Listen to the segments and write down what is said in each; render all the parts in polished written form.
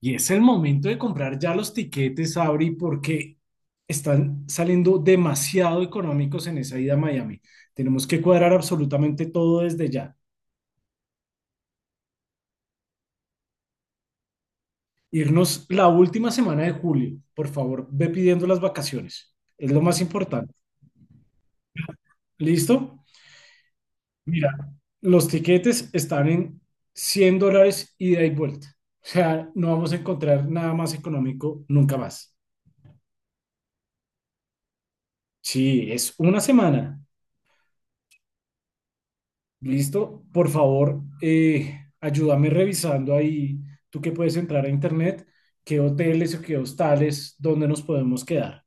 Y es el momento de comprar ya los tiquetes, Abri, porque están saliendo demasiado económicos en esa ida a Miami. Tenemos que cuadrar absolutamente todo desde ya. Irnos la última semana de julio. Por favor, ve pidiendo las vacaciones. Es lo más importante. ¿Listo? Mira, los tiquetes están en $100 ida y vuelta. O sea, no vamos a encontrar nada más económico nunca más. Sí, es una semana. Listo, por favor, ayúdame revisando ahí, tú que puedes entrar a internet, qué hoteles o qué hostales, dónde nos podemos quedar.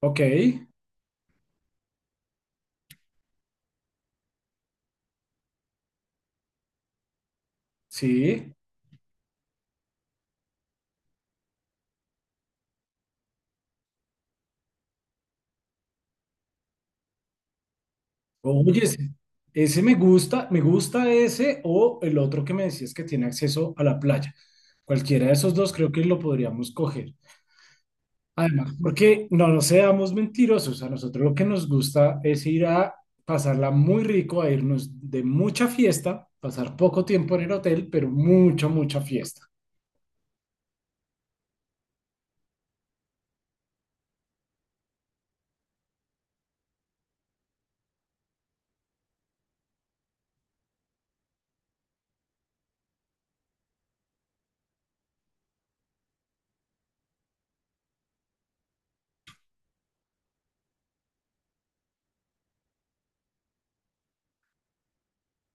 Ok, sí. Oye, ese me gusta ese o el otro que me decías que tiene acceso a la playa. Cualquiera de esos dos creo que lo podríamos coger. Además, porque no nos seamos mentirosos, a nosotros lo que nos gusta es ir a pasarla muy rico, a irnos de mucha fiesta, pasar poco tiempo en el hotel, pero mucha, mucha fiesta.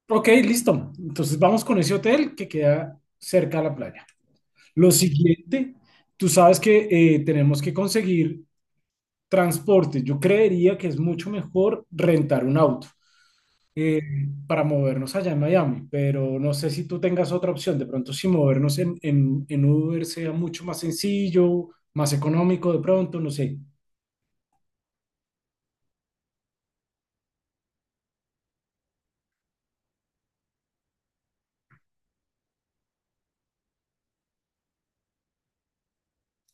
Ok, listo. Entonces vamos con ese hotel que queda cerca a la playa. Lo siguiente, tú sabes que tenemos que conseguir transporte. Yo creería que es mucho mejor rentar un auto. eh, para movernos allá en Miami, pero no sé si tú tengas otra opción. De pronto, si movernos en, en Uber sea mucho más sencillo, más económico, de pronto, no sé.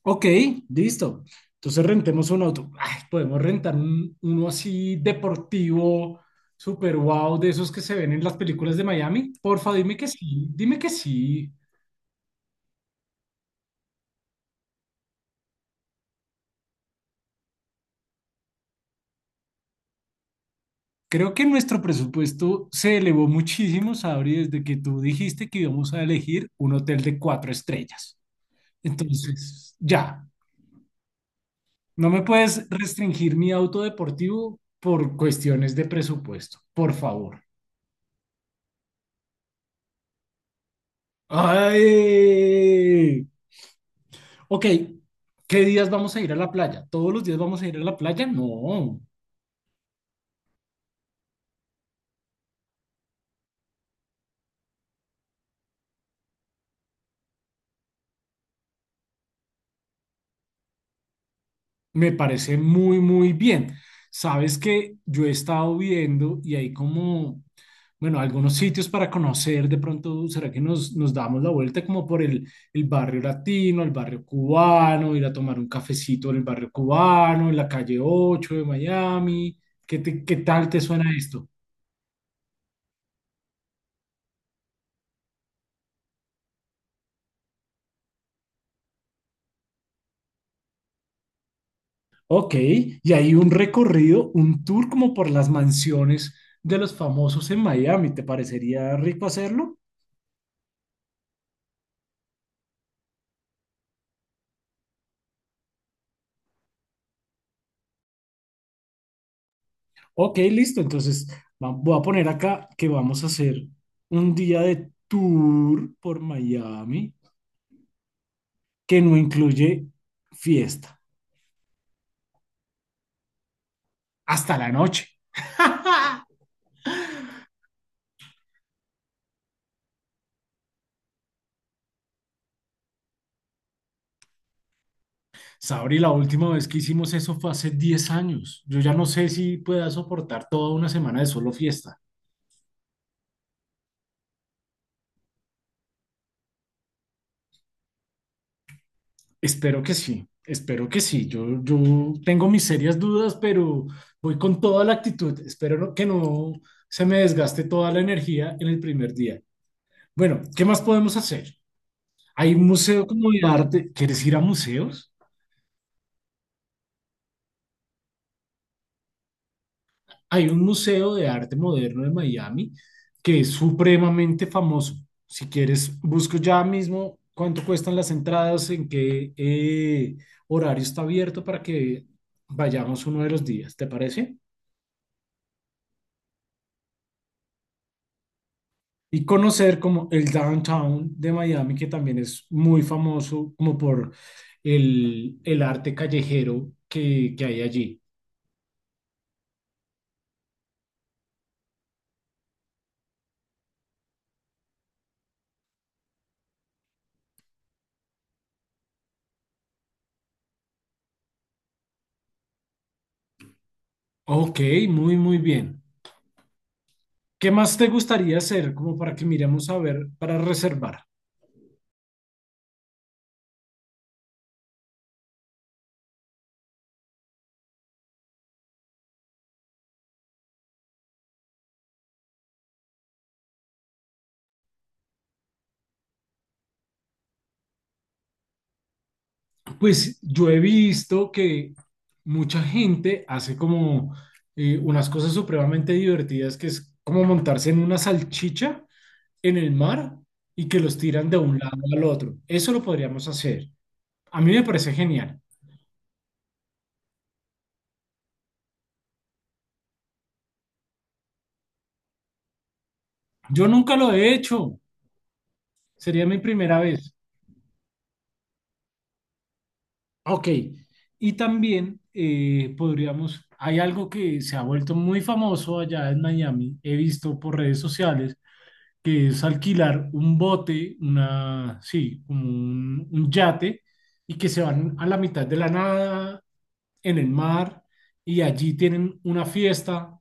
Ok, listo. Entonces rentemos un auto. Ay, podemos rentar uno así deportivo, super wow, de esos que se ven en las películas de Miami. Porfa, dime que sí, dime que sí. Creo que nuestro presupuesto se elevó muchísimo, Sabri, desde que tú dijiste que íbamos a elegir un hotel de cuatro estrellas. Entonces, ya, no me puedes restringir mi auto deportivo por cuestiones de presupuesto, por favor. ¡Ay! Ok, ¿qué días vamos a ir a la playa? ¿Todos los días vamos a ir a la playa? No, me parece muy, muy bien. Sabes que yo he estado viendo y hay como bueno, algunos sitios para conocer, de pronto, ¿será que nos damos la vuelta como por el barrio latino, el barrio cubano, ir a tomar un cafecito en el barrio cubano, en la calle 8 de Miami? ¿Qué, qué tal te suena esto? Ok, y hay un recorrido, un tour como por las mansiones de los famosos en Miami. ¿Te parecería rico hacerlo? Ok, listo. Entonces, voy a poner acá que vamos a hacer un día de tour por Miami. Que no incluye fiesta hasta la noche. Sabri, la última vez que hicimos eso fue hace 10 años. Yo ya no sé si pueda soportar toda una semana de solo fiesta. Espero que sí, espero que sí. Yo tengo mis serias dudas, pero voy con toda la actitud. Espero que no se me desgaste toda la energía en el primer día. Bueno, ¿qué más podemos hacer? Hay un museo como de arte. ¿Quieres ir a museos? Hay un museo de arte moderno de Miami que es supremamente famoso. Si quieres, busco ya mismo cuánto cuestan las entradas, en qué horario está abierto para que vayamos uno de los días, ¿te parece? Y conocer como el downtown de Miami, que también es muy famoso como por el arte callejero que hay allí. Ok, muy, muy bien. ¿Qué más te gustaría hacer como para que miremos a ver, para reservar? Pues yo he visto que mucha gente hace como unas cosas supremamente divertidas, que es como montarse en una salchicha en el mar y que los tiran de un lado al otro. Eso lo podríamos hacer. A mí me parece genial. Yo nunca lo he hecho. Sería mi primera vez. Ok. Y también podríamos, hay algo que se ha vuelto muy famoso allá en Miami. He visto por redes sociales que es alquilar un bote, una, sí, como un, yate, y que se van a la mitad de la nada, en el mar, y allí tienen una fiesta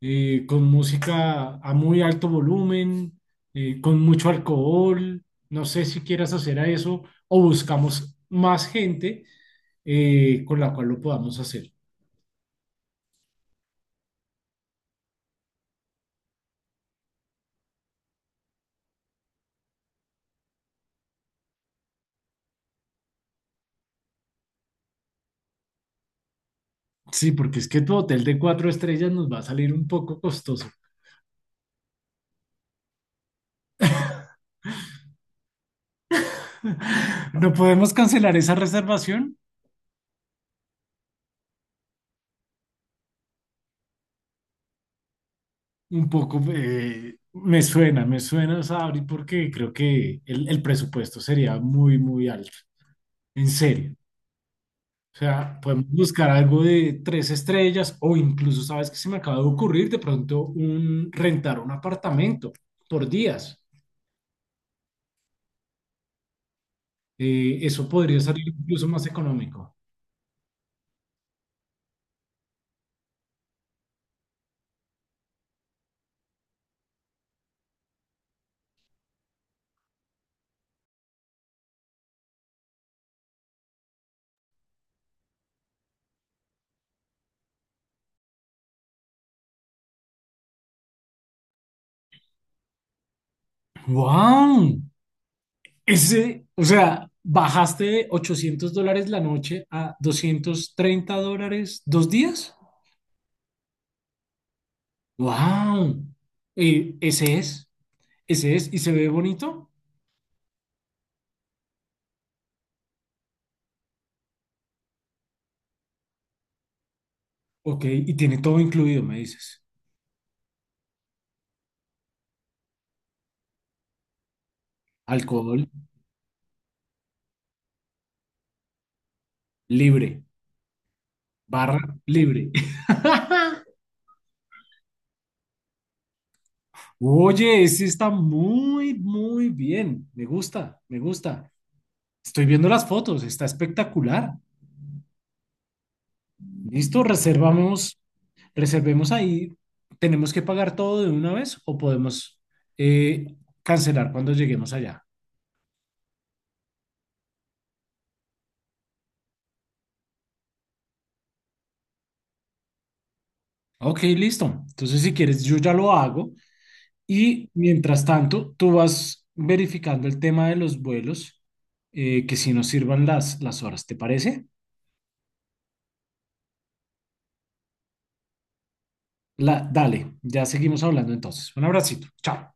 con música a muy alto volumen, con mucho alcohol. No sé si quieras hacer a eso o buscamos más gente con la cual lo podamos hacer. Sí, porque es que tu hotel de cuatro estrellas nos va a salir un poco costoso. ¿No podemos cancelar esa reservación? Un poco me suena, Sabri, porque creo que el presupuesto sería muy, muy alto, en serio. O sea, podemos buscar algo de tres estrellas o incluso, ¿sabes qué se me acaba de ocurrir? De pronto, rentar un apartamento por días. Eso podría salir incluso más económico. ¡Wow! Ese, o sea, bajaste de $800 la noche a $230 dos días. Wow. Ese es, ese es, y se ve bonito. Ok, y tiene todo incluido, me dices. Alcohol libre, barra libre. Oye, ese está muy, muy bien. Me gusta, me gusta. Estoy viendo las fotos, está espectacular. Listo, reservamos, reservemos ahí. ¿Tenemos que pagar todo de una vez o podemos eh, cancelar cuando lleguemos allá? Ok, listo. Entonces, si quieres, yo ya lo hago. Y mientras tanto, tú vas verificando el tema de los vuelos, que si nos sirvan las horas, ¿te parece? Dale, ya seguimos hablando entonces. Un abracito, chao.